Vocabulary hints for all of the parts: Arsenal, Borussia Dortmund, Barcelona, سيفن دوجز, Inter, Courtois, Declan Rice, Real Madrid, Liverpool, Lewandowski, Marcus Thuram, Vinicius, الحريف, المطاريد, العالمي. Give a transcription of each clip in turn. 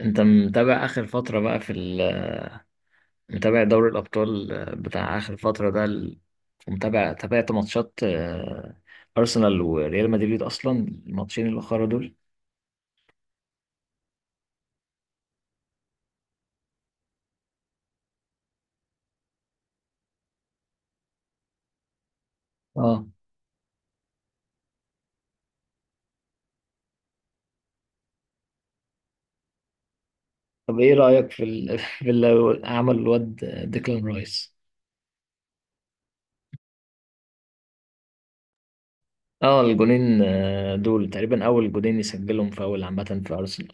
انت متابع اخر فترة بقى في ال... متابع دوري الابطال، بتاع اخر فترة ده ال... ومتابع تابعت ماتشات ارسنال وريال مدريد اصلا، الماتشين الاخرى دول. اه طب ايه رأيك في ال... في اللي عمل الواد ديكلان رايس. اه الجونين دول تقريبا اول جونين يسجلهم فاول عامة في ارسنال.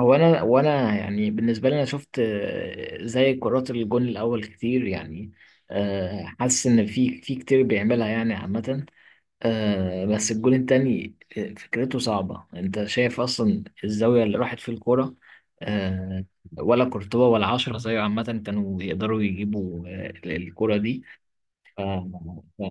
هو انا يعني بالنسبة لي انا شفت زي كرات الجون الاول كتير يعني، حاسس ان في كتير بيعملها يعني عامة. آه بس الجول التاني فكرته صعبة، انت شايف اصلا الزاوية اللي راحت في الكورة؟ آه، ولا كورتوا ولا عشرة زيه عامة كانوا يقدروا يجيبوا آه الكورة دي. ف... ف-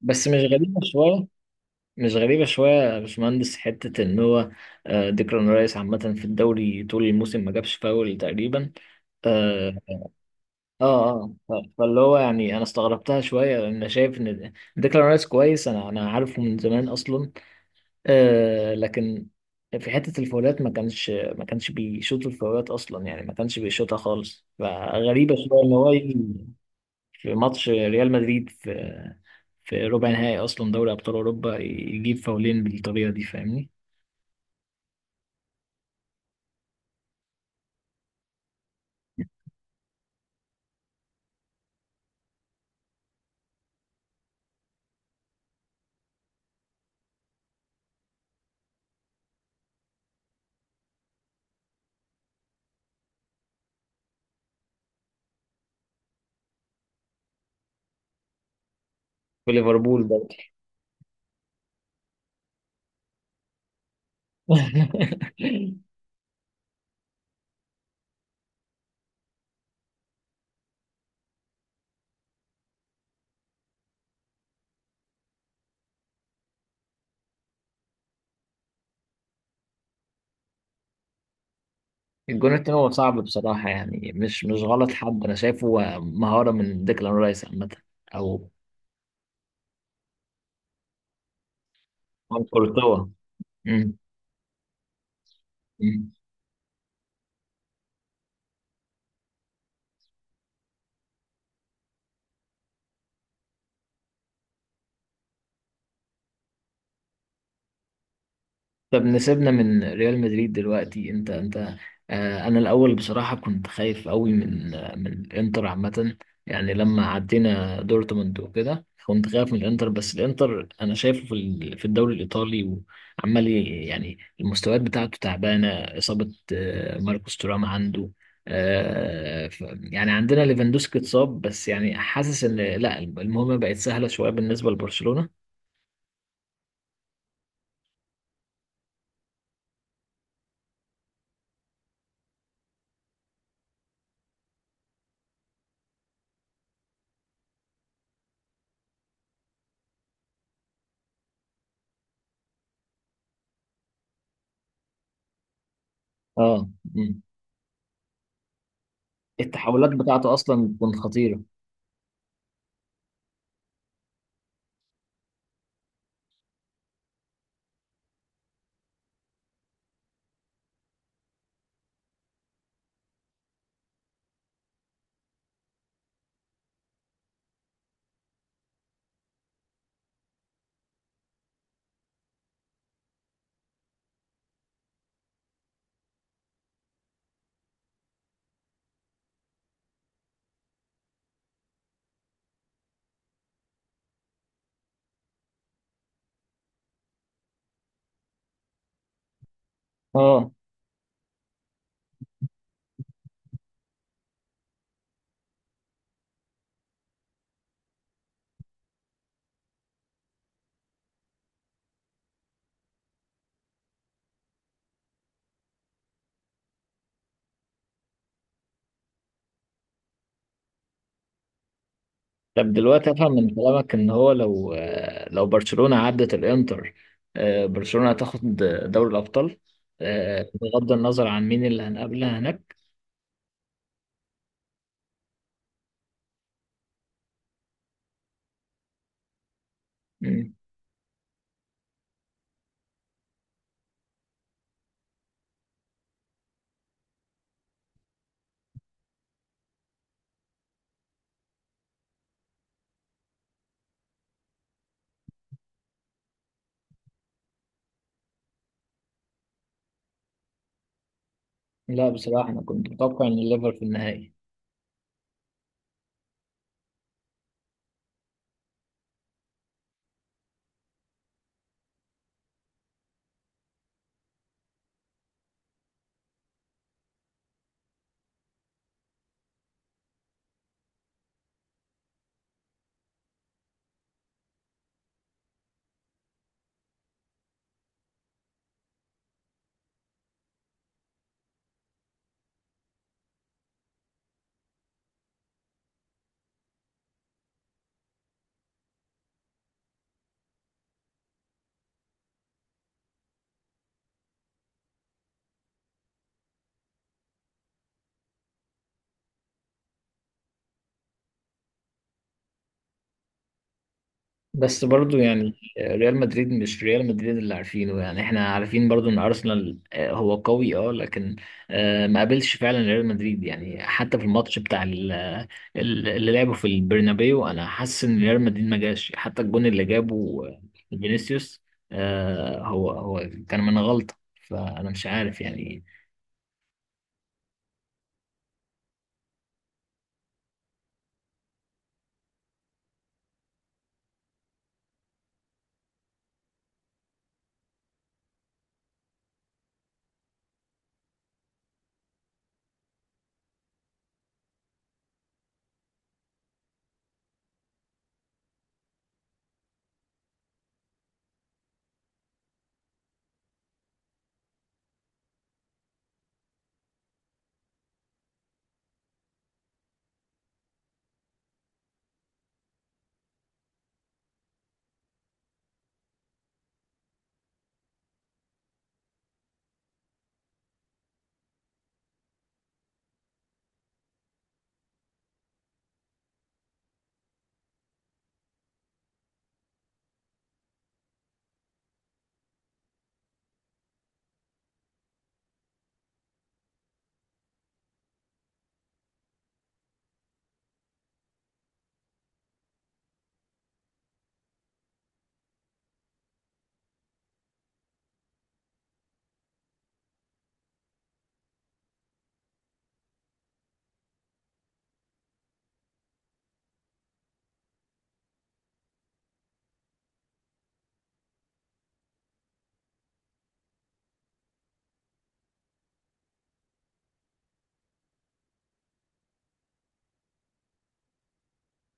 بس مش غريبة شوية؟ مش غريبة شوية يا باشمهندس حتة ان هو آه ديكلان رايس عامة في الدوري طول الموسم ما جابش فاول تقريبا. اه اه فاللي هو يعني انا استغربتها شويه، انا شايف ان ديكلان رايس كويس، انا عارفه من زمان اصلا، آه لكن في حتة الفاولات ما كانش بيشوط الفاولات أصلا، يعني ما كانش بيشوطها خالص، فغريبة شوية إن هو يجي في ماتش ريال مدريد في في ربع نهائي أصلا دوري أبطال أوروبا يجيب فاولين بالطريقة دي، فاهمني؟ في ليفربول برضه. الجون التاني هو صعب بصراحة، يعني مش مش غلط حد، أنا شايفه مهارة من ديكلان رايس عامة. أو أو كورتوا. مم. طب نسيبنا من ريال مدريد دلوقتي، انت آه انا الاول بصراحه كنت خايف قوي من آه من الانتر عامه، يعني لما عدينا دورتموند وكده كنت خايف من الانتر، بس الانتر انا شايفه في ال- في الدوري الايطالي وعمال يعني المستويات بتاعته تعبانه، اصابه آه ماركوس تورام عنده. آه ف- يعني عندنا ليفاندوسكي اتصاب، بس يعني حاسس ان لا المهمه بقت سهله شويه بالنسبه لبرشلونه. اه. مم. التحولات بتاعته اصلا بتكون خطيره. اه طب دلوقتي افهم من كلامك ان هو لو لو برشلونة عدت الانتر، برشلونة هتاخد دوري الابطال، بغض النظر عن مين اللي هنقابلها هناك؟ مم. لا بصراحة انا كنت متوقع ان الليفر في النهائي. بس برضو يعني ريال مدريد مش ريال مدريد اللي عارفينه، يعني احنا عارفين برضو ان ارسنال هو قوي اه، لكن ما قابلش فعلا ريال مدريد. يعني حتى في الماتش بتاع اللي لعبه في البرنابيو انا حاسس ان ريال مدريد ما جاش، حتى الجون اللي جابه فينيسيوس، هو كان من غلطة، فانا مش عارف يعني.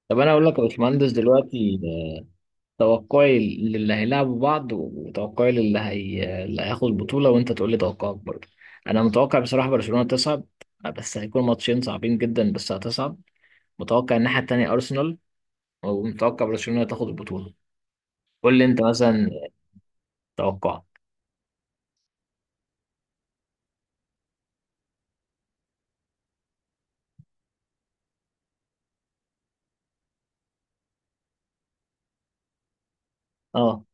طب انا اقول لك يا باشمهندس دلوقتي توقعي للي هيلعبوا بعض وتوقعي للي اللي هياخد البطولة، وانت تقول لي توقعك برضه. انا متوقع بصراحة برشلونة تصعد، بس هيكون ماتشين صعبين جدا، بس هتصعد. متوقع الناحية التانية ارسنال، ومتوقع برشلونة تاخد البطولة. قول لي انت مثلا توقعك. اه.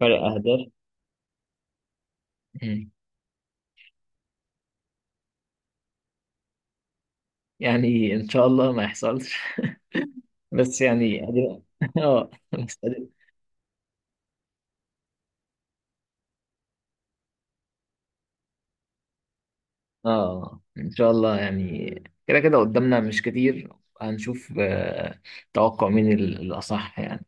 فرق اهداف. مم. يعني ان شاء الله ما يحصلش. بس يعني اه بس اه ان شاء الله يعني، كده كده قدامنا مش كتير، هنشوف توقع مين الاصح يعني.